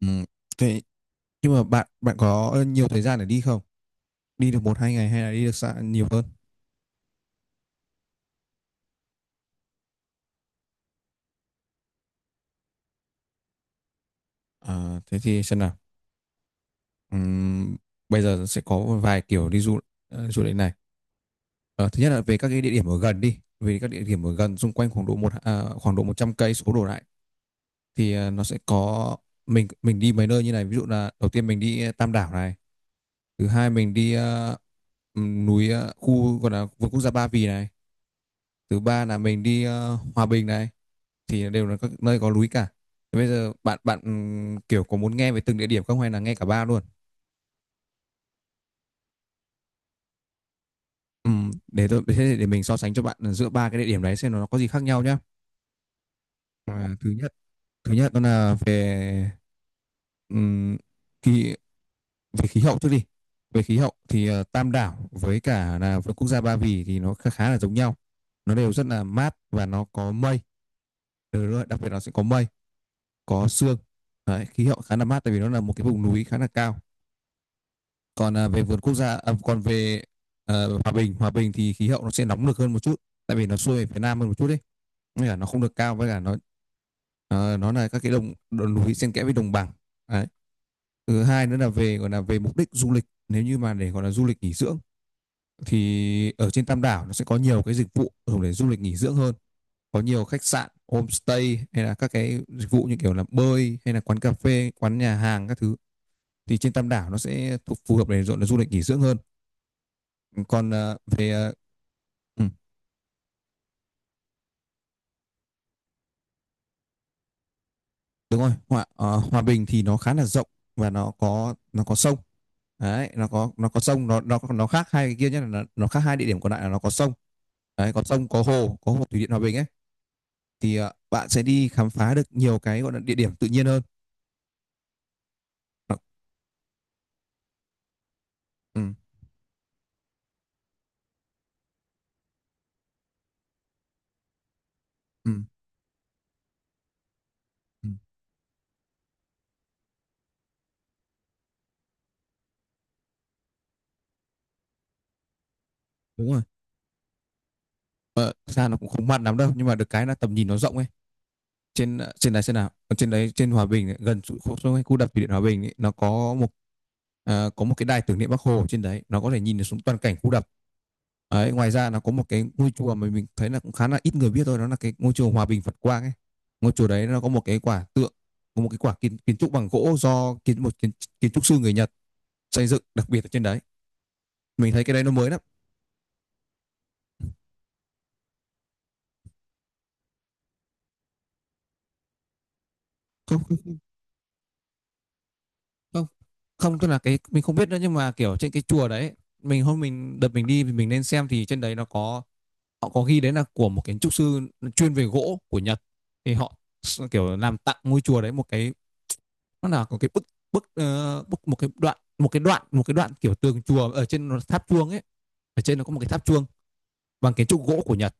Ừ. Thế nhưng mà bạn bạn có nhiều thời gian để đi không? Đi được một hai ngày hay là đi được xa nhiều hơn? À, thế thì xem nào. Ừm, Bây giờ sẽ có vài kiểu đi du lịch này. Ờ, Thứ nhất là về các cái địa điểm ở gần đi. Về các địa điểm ở gần xung quanh khoảng độ 100 cây số đổ lại, thì nó sẽ có, mình đi mấy nơi như này. Ví dụ là đầu tiên mình đi Tam Đảo này, thứ hai mình đi khu gọi là vườn quốc gia Ba Vì này, thứ ba là mình đi Hòa Bình này, thì đều là các nơi có núi cả. Thế bây giờ bạn bạn kiểu có muốn nghe về từng địa điểm không, hay là nghe cả ba luôn? Để tôi thế Để mình so sánh cho bạn giữa ba cái địa điểm đấy, xem nó có gì khác nhau nhá. à, thứ nhất Thứ nhất đó là về ừm, kỳ về khí hậu trước đi. Về khí hậu thì Tam Đảo với cả là với quốc gia Ba Vì thì nó khá là giống nhau, nó đều rất là mát và nó có mây. Ờ, đúng rồi, đặc biệt nó sẽ có mây, có sương. Đấy, khí hậu khá là mát tại vì nó là một cái vùng núi khá là cao. Còn à, về vườn quốc gia à, còn về ờ, Hòa Bình Hòa Bình thì khí hậu nó sẽ nóng được hơn một chút, tại vì nó xuôi về phía nam hơn một chút đấy, nên là nó không được cao, với cả nó là các cái đồng núi xen kẽ với đồng bằng đấy. Thứ hai nữa là về, gọi là về mục đích du lịch, nếu như mà để gọi là du lịch nghỉ dưỡng thì ở trên Tam Đảo nó sẽ có nhiều cái dịch vụ dùng để du lịch nghỉ dưỡng hơn, có nhiều khách sạn, homestay, hay là các cái dịch vụ như kiểu là bơi, hay là quán cà phê, quán nhà hàng các thứ. Thì trên Tam Đảo nó sẽ thuộc phù hợp để gọi là du lịch nghỉ dưỡng hơn. Còn ờ, về ờ, Ừ, đúng rồi. Hòa Bình thì nó khá là rộng, và nó có sông. Đấy, nó có sông, nó khác hai cái kia. Nhất là nó khác hai địa điểm còn lại là nó có sông đấy, có sông, có hồ, có hồ thủy điện Hòa Bình ấy. Thì bạn sẽ đi khám phá được nhiều cái gọi là địa điểm tự nhiên hơn. Nó- ừ, ừ, ừ, đúng rồi. Ờ, thực ra nó cũng không mặn lắm đâu, nhưng mà được cái là tầm nhìn nó rộng ấy. Trên trên đấy trên nào Ở trên đấy, trên Hòa Bình ấy, gần khu đập thủy điện Hòa Bình ấy, nó có có một cái đài tưởng niệm Bác Hồ ở trên đấy, nó có thể nhìn được xuống toàn cảnh khu đập đấy. Ngoài ra nó có một cái ngôi chùa mà mình thấy là cũng khá là ít người biết thôi, đó là cái ngôi chùa Hòa Bình Phật Quang ấy. Ngôi chùa đấy nó có một cái quả tượng, có một cái quả kiến trúc bằng gỗ do kiến trúc sư người Nhật xây dựng đặc biệt ở trên đấy. Mình thấy cái đấy nó mới lắm. Không, không, không, không, tức là cái mình không biết nữa, nhưng mà kiểu trên cái chùa đấy, mình đi thì mình nên xem, thì trên đấy nó có, họ có ghi đấy là của một kiến trúc sư chuyên về gỗ của Nhật. Thì họ kiểu làm tặng ngôi chùa đấy một cái, nó là có cái bức bức ờ, bức, một cái đoạn một cái đoạn một cái đoạn kiểu tường chùa ở trên tháp chuông ấy. Ở trên nó có một cái tháp chuông bằng kiến trúc gỗ của Nhật.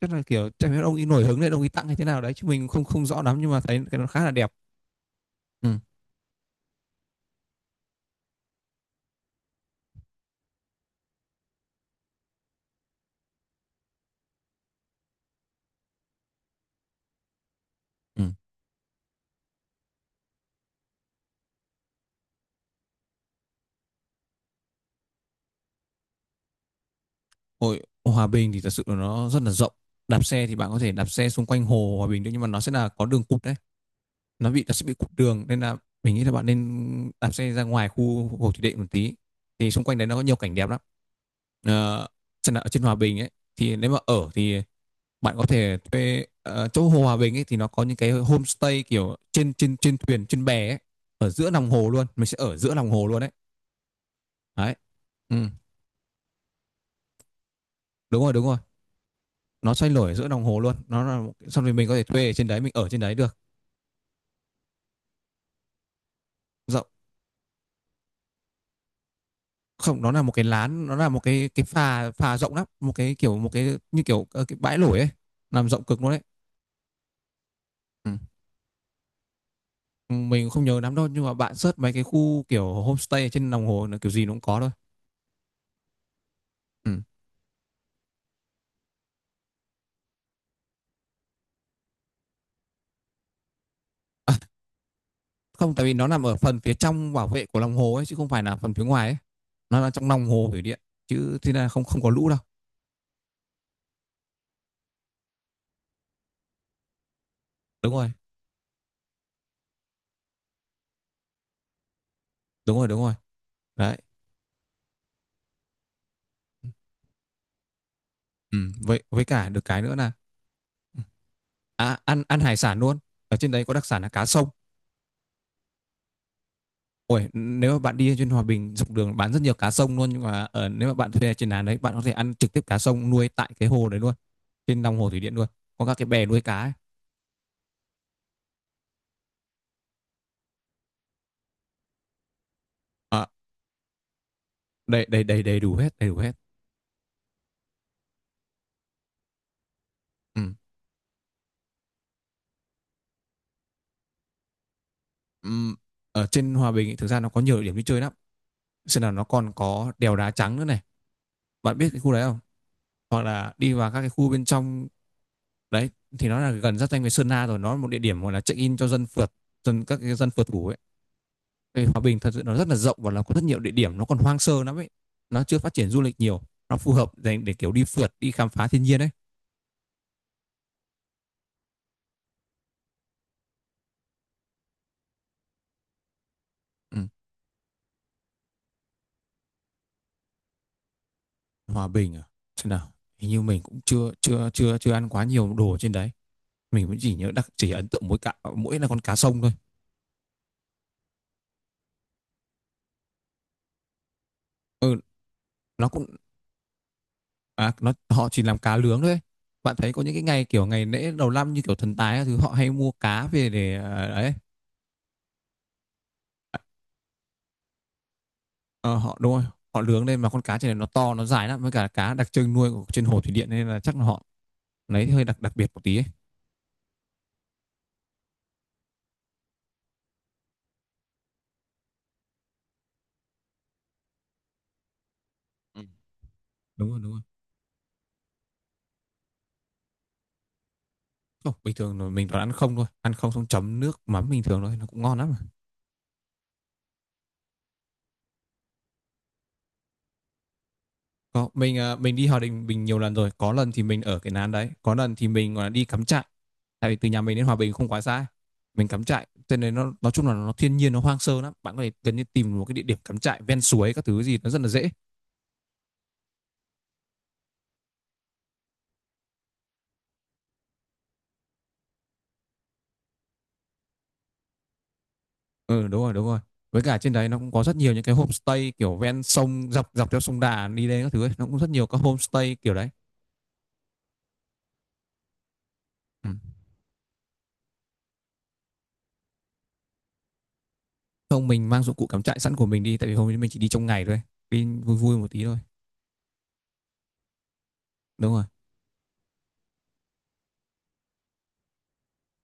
Chắc là chắc là ông ấy nổi hứng đấy, ông ấy tặng hay thế nào đấy, chứ mình không không rõ lắm, nhưng mà thấy cái nó khá là đẹp. Ừ. Ừ. Hội Hòa Bình thì thật sự là nó rất là rộng, đạp xe thì bạn có thể đạp xe xung quanh hồ Hòa Bình được, nhưng mà nó sẽ là có đường cụt đấy. Nó sẽ bị cụt đường, nên là mình nghĩ là bạn nên đạp xe ra ngoài khu Hồ Thủy Điện một tí, thì xung quanh đấy nó có nhiều cảnh đẹp lắm. Ờ, Chẳng hạn ở trên Hòa Bình ấy, thì nếu mà ở thì bạn có thể thuê, chỗ hồ Hòa Bình ấy, thì nó có những cái homestay kiểu trên trên trên thuyền, trên bè ấy, ở giữa lòng hồ luôn, mình sẽ ở giữa lòng hồ luôn đấy. Đấy. Ừ, đúng rồi, đúng rồi. Nó xoay nổi ở giữa lòng hồ luôn. Nó là xong rồi mình có thể thuê ở trên đấy, mình ở trên đấy được. Rộng. Không, nó là một cái lán, nó là một cái phà phà rộng lắm, một cái kiểu một cái như kiểu cái bãi lủi ấy, làm rộng cực luôn đấy. Ừ. Mình không nhớ lắm đâu, nhưng mà bạn search mấy cái khu kiểu homestay ở trên lòng hồ là kiểu gì nó cũng có thôi. Ừ. Không, tại vì nó nằm ở phần phía trong bảo vệ của lòng hồ ấy, chứ không phải là phần phía ngoài ấy. Nó là trong lòng hồ thủy điện, chứ thế là không, không có lũ đâu. Đúng rồi, đúng rồi, đúng rồi. Đấy. Ừ, với cả được cái nữa là, à, ăn ăn hải sản luôn. Ở trên đấy có đặc sản là cá sông. Ôi, nếu mà bạn đi trên Hòa Bình, dọc đường bán rất nhiều cá sông luôn, nhưng mà ở, nếu mà bạn thuê trên làn đấy, bạn có thể ăn trực tiếp cá sông nuôi tại cái hồ đấy luôn. Trên lòng hồ thủy điện luôn, có các cái bè nuôi cá ấy. À, đầy đầy đầy đầy đủ hết, đầy đủ hết. Ừ. Ừ. Ở trên Hòa Bình ấy, thực ra nó có nhiều địa điểm đi chơi lắm. Xem nào, nó còn có đèo Đá Trắng nữa này, bạn biết cái khu đấy không? Hoặc là đi vào các cái khu bên trong đấy, thì nó là gần giáp danh với Sơn La rồi, nó là một địa điểm gọi là check in cho dân phượt, dân các cái dân phượt ngủ ấy. Vì Hòa Bình thật sự nó rất là rộng, và nó có rất nhiều địa điểm, nó còn hoang sơ lắm ấy, nó chưa phát triển du lịch nhiều, nó phù hợp dành để kiểu đi phượt, đi khám phá thiên nhiên đấy. Ừ. Hòa Bình à, thế nào, hình như mình cũng chưa chưa chưa chưa ăn quá nhiều đồ trên đấy. Mình cũng chỉ nhớ, chỉ ấn tượng mỗi là con cá sông thôi. Ừ. Nó cũng, à, nó họ chỉ làm cá lướng thôi. Bạn thấy có những cái ngày kiểu ngày lễ đầu năm như kiểu Thần Tài thứ, họ hay mua cá về để, à, đấy. Ờ, họ, đúng rồi, họ lướng lên, mà con cá trên này nó to, nó dài lắm, với cả cá đặc trưng nuôi của trên hồ thủy điện, nên là chắc là họ lấy hơi đặc đặc biệt một tí ấy. Ừ. Đúng rồi, đúng rồi. Không, bình thường rồi mình toàn ăn không thôi, ăn không xong chấm nước mắm bình thường thôi, nó cũng ngon lắm mà. Có. Mình đi Hòa Bình mình nhiều lần rồi, có lần thì mình ở cái lán đấy, có lần thì mình gọi là đi cắm trại, tại vì từ nhà mình đến Hòa Bình không quá xa. Mình cắm trại, cho nên nó nói chung là nó thiên nhiên, nó hoang sơ lắm, bạn có thể gần như tìm một cái địa điểm cắm trại ven suối các thứ gì, nó rất là dễ. Ừ, đúng rồi, đúng rồi. Với cả trên đấy nó cũng có rất nhiều những cái homestay kiểu ven sông, dọc dọc theo sông Đà đi lên các thứ ấy. Nó cũng rất nhiều các homestay kiểu đấy. Ừ. Không, mình mang dụng cụ cắm trại sẵn của mình đi, tại vì hôm nay mình chỉ đi trong ngày thôi. Đi vui vui một tí thôi. Đúng rồi.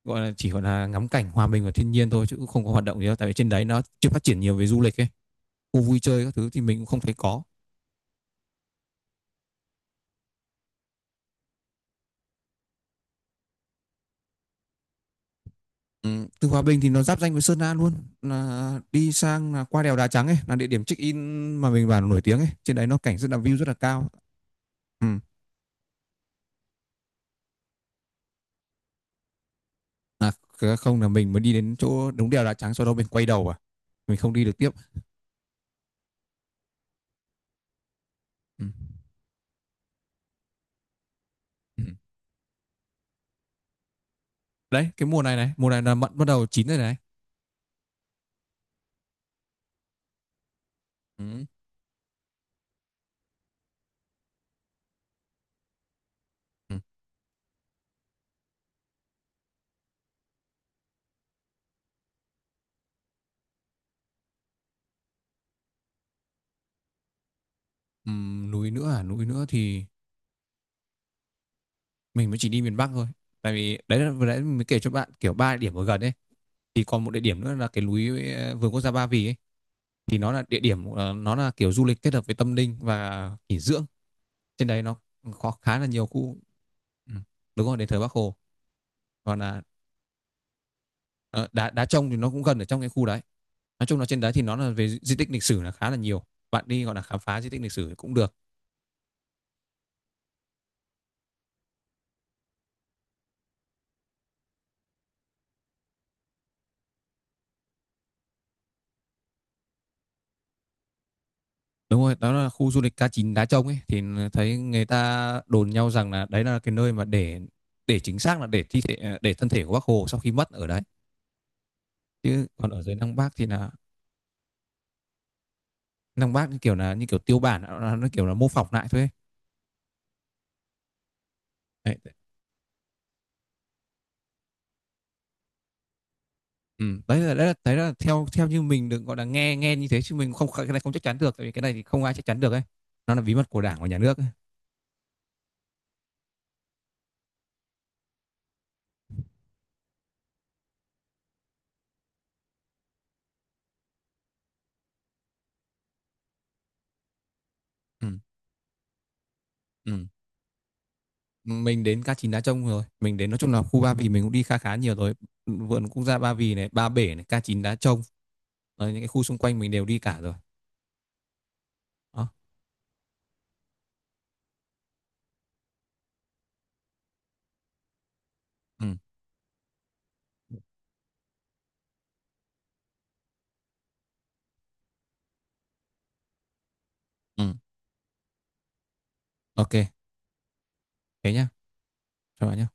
Gọi là chỉ gọi là ngắm cảnh, hòa mình vào thiên nhiên thôi, chứ cũng không có hoạt động gì đâu, tại vì trên đấy nó chưa phát triển nhiều về du lịch ấy. Khu vui chơi các thứ thì mình cũng không thấy có. Ừ, từ Hòa Bình thì nó giáp danh với Sơn La luôn, là đi sang là qua đèo Đá Trắng ấy, là địa điểm check in mà mình bảo là nổi tiếng ấy, trên đấy nó cảnh rất là, view rất là cao. Ừ. À, không, là mình mới đi đến chỗ đúng đèo Đá Trắng, sau đó mình quay đầu, à, mình không đi được tiếp. Ừ. Ừ. Đấy, cái mùa này này, mùa này là mận bắt đầu chín rồi này. Ừ. Ừ. Núi nữa à, núi nữa thì mình mới chỉ đi miền Bắc thôi. Tại vì đấy là vừa nãy mới kể cho bạn kiểu ba địa điểm ở gần ấy. Thì còn một địa điểm nữa là cái núi, vườn quốc gia Ba Vì ấy. Thì nó là địa điểm, nó là kiểu du lịch kết hợp với tâm linh và nghỉ dưỡng. Trên đấy nó có khá là nhiều khu. Ừ, đúng rồi, đền thờ Bác Hồ. Còn là, ờ, đá đá trông thì nó cũng gần ở trong cái khu đấy. Nói chung là trên đấy thì nó là về di tích lịch sử là khá là nhiều, bạn đi gọi là khám phá di tích lịch sử cũng được. Đúng rồi, đó là khu du lịch K9 Đá Trông ấy, thì thấy người ta đồn nhau rằng là đấy là cái nơi mà để chính xác là để thi thể, à, để thân thể của Bác Hồ sau khi mất ở đấy. Chứ còn ở dưới Lăng Bác thì là, Lăng Bác như kiểu là như kiểu tiêu bản, nó kiểu là mô phỏng lại thôi ấy. Đấy, ừ, đấy là theo theo như mình được gọi là nghe nghe như thế, chứ mình không, cái này không chắc chắn được, tại vì cái này thì không ai chắc chắn được ấy. Nó là bí mật của Đảng và nhà nước ấy. Ừ. Ừ. Mình đến K9 Đá Trông rồi, mình đến, nói chung là, khu Ba Vì mình cũng đi khá khá nhiều rồi. Vườn quốc gia Ba Vì này, Ba Bể này, K9 Đá Trông. Ờ, những cái khu xung quanh mình đều đi cả rồi. Đó. Ừ, ừ. OK. Thế nhá, cho bạn nhá.